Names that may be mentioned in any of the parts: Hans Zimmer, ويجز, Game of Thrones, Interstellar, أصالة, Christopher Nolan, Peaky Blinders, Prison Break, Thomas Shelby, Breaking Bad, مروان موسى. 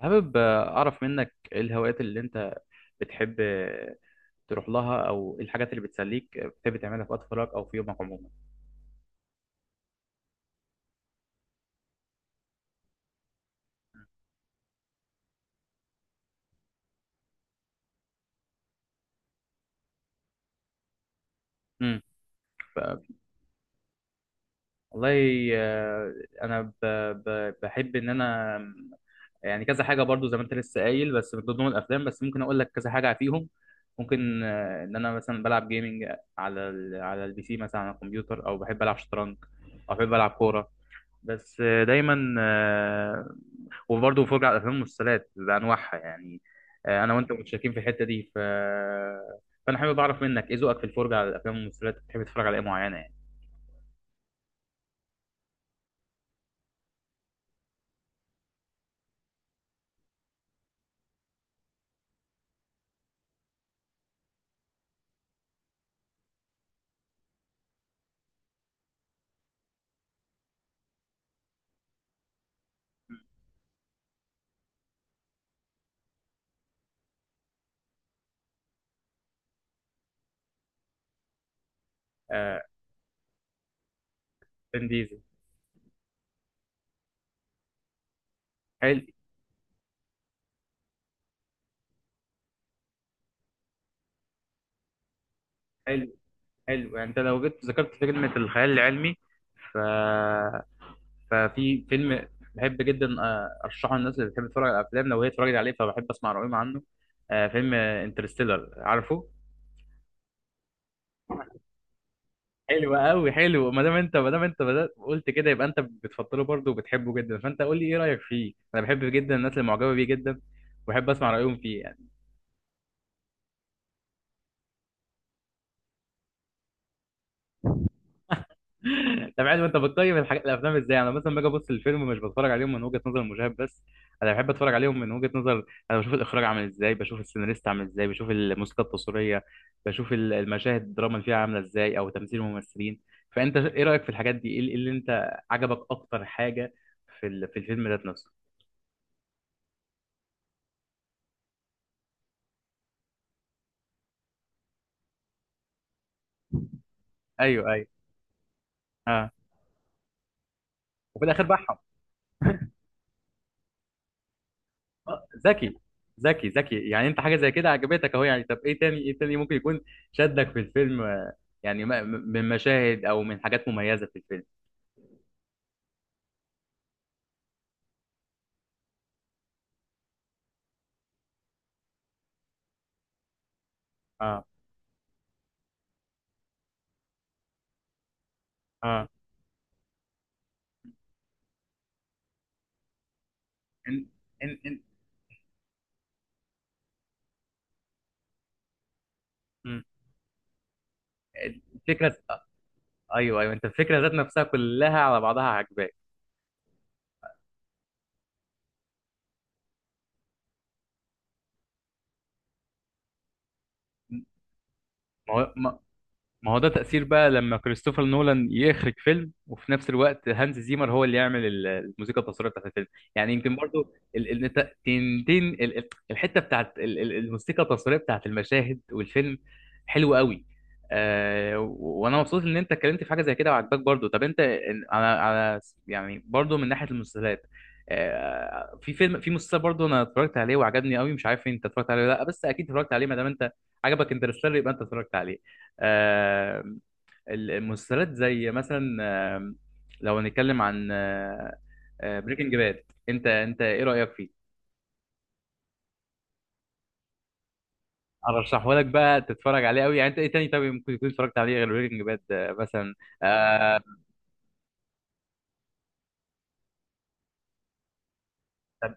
حابب أعرف منك إيه الهوايات اللي أنت بتحب تروح لها، أو إيه الحاجات اللي بتسليك بتحب تعملها في وقت فراغك أو في يومك عموما؟ امم. والله، أنا بحب إن أنا يعني كذا حاجة برضو زي ما أنت لسه قايل، بس من ضمن الأفلام بس ممكن أقول لك كذا حاجة فيهم. ممكن إن أنا مثلا بلعب جيمنج على البي سي، مثلا على الكمبيوتر، أو بحب ألعب شطرنج أو بحب ألعب كورة. بس دايما وبرضه بفرج على الافلام والمسلسلات بانواعها يعني. انا وانت متشاركين في الحته دي، فانا حابب اعرف منك ايه ذوقك في الفرجه على الافلام والمسلسلات. بتحب تتفرج على ايه معينه يعني؟ آه، فين ديزل. حلو، حلو، حلو. يعني انت لو جيت ذكرت كلمه الخيال العلمي، ف ففي فيلم بحب جدا ارشحه للناس اللي بتحب تتفرج على الافلام. لو هي اتفرجت عليه فبحب اسمع رايهم عنه. فيلم انترستيلر، عارفه؟ حلو قوي. حلو، ما دام انت بدأت قلت كده يبقى انت بتفضله برضه وبتحبه جدا، فانت قول لي ايه رايك فيه. انا بحب جدا الناس اللي معجبه بيه جدا، وبحب اسمع رايهم فيه يعني. طب عادي، انت بتقيم الحاجات، الافلام، ازاي؟ انا مثلا باجي ابص الفيلم، مش بتفرج عليهم من وجهه نظر المشاهد بس، انا بحب اتفرج عليهم من وجهه نظر. انا بشوف الاخراج عامل ازاي، بشوف السيناريست عامل ازاي، بشوف الموسيقى التصويريه، بشوف المشاهد، الدراما اللي فيها عامله ازاي، او تمثيل الممثلين. فانت ايه رايك في الحاجات دي؟ ايه اللي إيه اللي انت عجبك اكتر حاجه في الفيلم ذات نفسه؟ ايوه، اه، وفي الاخر بعهم. ذكي، ذكي، ذكي. يعني انت حاجه زي كده عجبتك اهو يعني. طب ايه تاني، ايه تاني ممكن يكون شدك في الفيلم، يعني من مشاهد او من حاجات مميزه في الفيلم؟ اه، اه. ان ان ان مم. الفكره. ايوه، ايوه، انت الفكره ذات نفسها كلها على بعضها عجباك. ما هو ما هو ده تأثير بقى لما كريستوفر نولان يخرج فيلم، وفي نفس الوقت هانز زيمر هو اللي يعمل الموسيقى التصويرية بتاعت الفيلم. يعني يمكن برضو ال ال الت- تن تن ال ال الحتة بتاعت ال ال الموسيقى التصويرية بتاعت المشاهد والفيلم حلوة قوي. وانا مبسوط ان انت اتكلمت في حاجة زي كده وعجباك برضو. طب انت، إن- على على يعني برضو من ناحية المسلسلات، في مسلسل برضو انا اتفرجت عليه وعجبني قوي. مش عارف انت اتفرجت عليه ولا لا، بس اكيد اتفرجت عليه ما دام انت عجبك انترستيلر يبقى انت اتفرجت عليه. آه، المسلسلات زي مثلا، لو هنتكلم عن بريكنج باد، انت ايه رأيك فيه؟ ارشحه لك بقى تتفرج عليه قوي يعني. انت ايه تاني طب ممكن تكون اتفرجت عليه غير بريكنج باد، مثلا؟ آه طب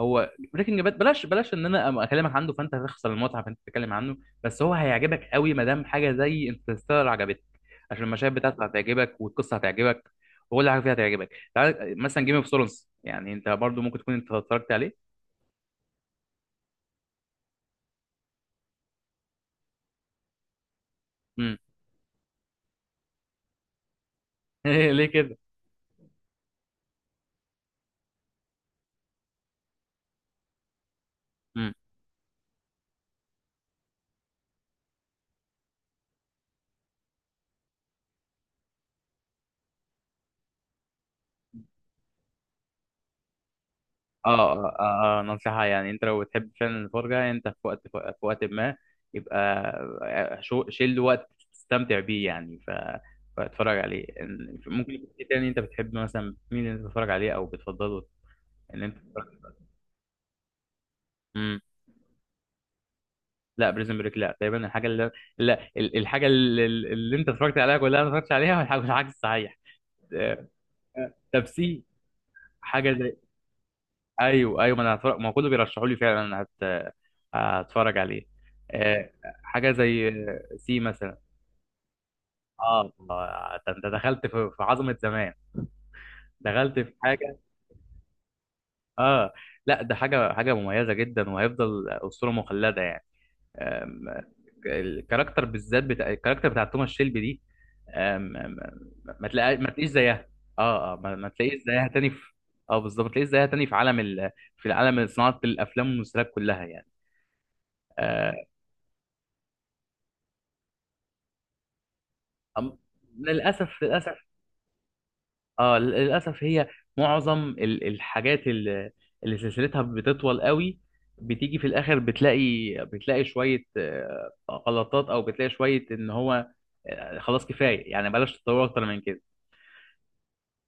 هو بريكنج باد، بلاش، بلاش ان انا اكلمك عنه فانت هتخسر المتعه، فانت تتكلم عنه. بس هو هيعجبك قوي ما دام حاجه زي انترستيلر عجبتك، عشان المشاهد بتاعته هتعجبك والقصه هتعجبك وكل حاجه فيها هتعجبك. تعال مثلا جيم اوف ثرونز، يعني انت برضو ممكن تكون انت اتفرجت عليه. امم. ليه كده؟ امم. اه، اه، نصيحة. يعني انت لو بتحب فعلا الفرجة، انت في وقت ما يبقى، شيل وقت تستمتع بيه يعني، فاتفرج عليه. ممكن يكون في تاني انت بتحب، مثلا مين اللي انت بتتفرج عليه او بتفضله ان انت تتفرج؟ امم لا، بريزن بريك، لا، تقريبا الحاجة اللي، لا، اللي انت اتفرجت عليها كلها ما اتفرجتش عليها، والحاجة العكس صحيح. آه، طب سي، حاجة زي، ايوه، ايوه، ما انا هتفرج، ما هو كله بيرشحوا لي فعلا. انا هتفرج عليه. آه، حاجه زي سي مثلا. اه، ده انت دخلت في عظمه زمان، دخلت في حاجه. اه، لا، ده حاجه مميزه جدا وهيفضل اسطوره مخلده يعني. آم، الكاركتر بالذات، بتاع الكاركتر بتاع توماس شيلبي دي. آم، آم، ما تلاقيش زيها. اه، اه، ما تلاقيش زيها تاني في. اه بالظبط، ما تلاقيش زيها تاني في العالم، صناعه الافلام والمسلسلات كلها يعني. آه، أم- للأسف، للأسف. اه للأسف، هي معظم الحاجات اللي سلسلتها بتطول قوي، بتيجي في الآخر بتلاقي شوية غلطات، أو بتلاقي شوية إن هو خلاص كفاية يعني، بلاش تطور أكتر من كده.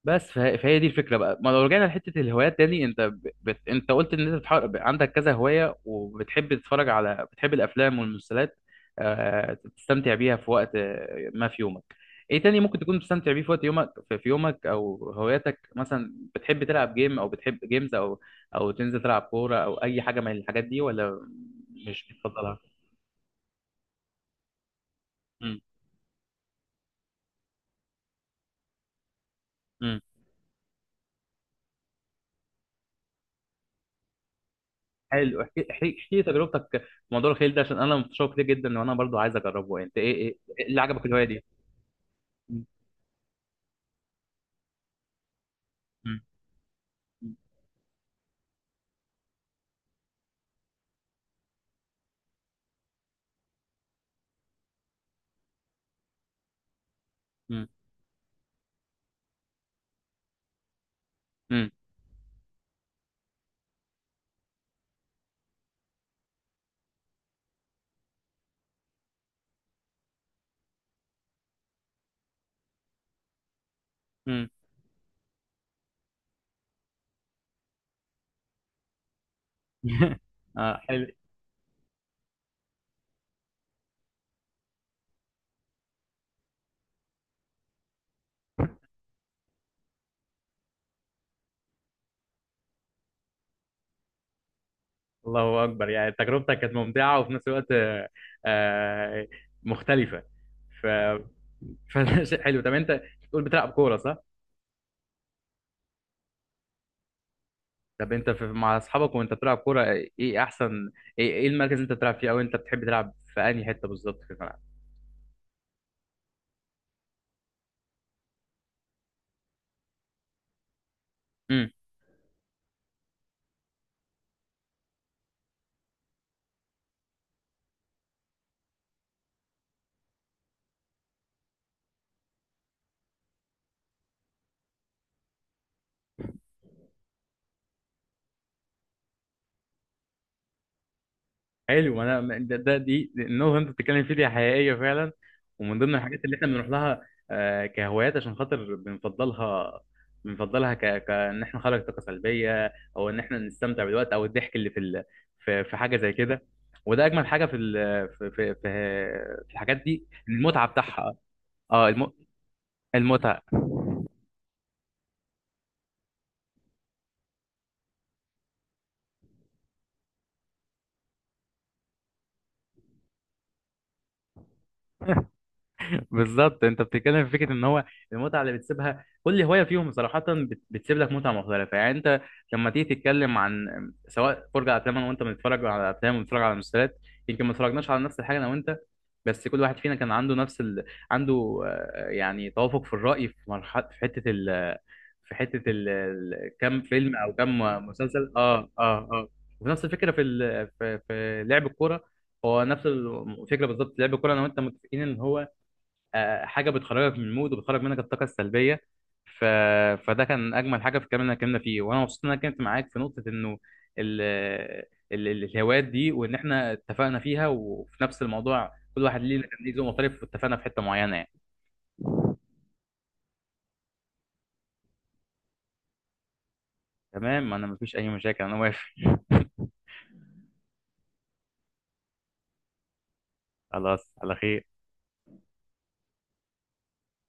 بس فهي دي الفكره بقى. ما لو رجعنا لحته الهوايات تاني، انت قلت ان انت عندك كذا هوايه، وبتحب تتفرج على، بتحب الافلام والمسلسلات. تستمتع بيها في وقت، ما في يومك. ايه تاني ممكن تكون بتستمتع بيه في وقت يومك، في يومك، او هواياتك، مثلا بتحب تلعب جيم او بتحب جيمز، او تنزل تلعب كوره، او اي حاجه من الحاجات دي، ولا مش بتفضلها؟ امم. امم. حلو، احكي، احكي، احكي تجربتك في موضوع الخيل ده، عشان انا متشوق ليه جدا وانا برضو عايز اجربه. انت ايه، إيه اللي عجبك في الهوايه دي؟ مم. مم. مم. مم. مم. آه، حلو. الله اكبر. يعني تجربتك كانت ممتعه وفي نفس الوقت آه، مختلفه. ف فشيء حلو. طب انت بتقول بتلعب كوره صح؟ طب انت مع اصحابك وانت بتلعب كوره، ايه احسن، إيه المركز اللي انت بتلعب فيه، او انت بتحب تلعب في انهي حته بالظبط في الملعب؟ حلو، انا النقطه اللي انت بتتكلم فيها دي حقيقيه فعلا، ومن ضمن الحاجات اللي احنا بنروح لها كهوايات، عشان خاطر بنفضلها كان احنا نخرج طاقه سلبيه، او ان احنا نستمتع بالوقت او الضحك اللي في حاجه زي كده. وده اجمل حاجه في ال... في... في... في في الحاجات دي، المتعه بتاعها. اه المتعه. بالظبط، انت بتتكلم في فكره ان هو المتعه اللي بتسيبها كل هوايه فيهم صراحه، بتسيب لك متعه مختلفه. يعني انت لما تيجي تتكلم عن سواء فرجه على افلام، انا وانت بنتفرج على افلام وبنتفرج على مسلسلات، يمكن ما اتفرجناش على نفس الحاجه انا وانت، بس كل واحد فينا كان عنده يعني توافق في الراي في مرحله، في حته ال... في حته ال... ال- كم فيلم او كم مسلسل. اه، اه، اه. ونفس الفكره في لعب الكوره. هو نفس الفكره بالظبط لعب الكوره، انا وانت متفقين ان هو حاجه بتخرجك من المود وبتخرج منك الطاقه السلبيه. ف... فده كان اجمل حاجه في الكلام اللي أنا اتكلمنا فيه، وانا مبسوط ان انا اتكلمت معاك في نقطه انه ال... الهوايات دي، وان احنا اتفقنا فيها، وفي نفس الموضوع كل واحد ليه كان ليه ذوق مختلف، واتفقنا في حته معينه يعني. تمام، انا مفيش اي مشاكل، انا واقف. خلاص على خير.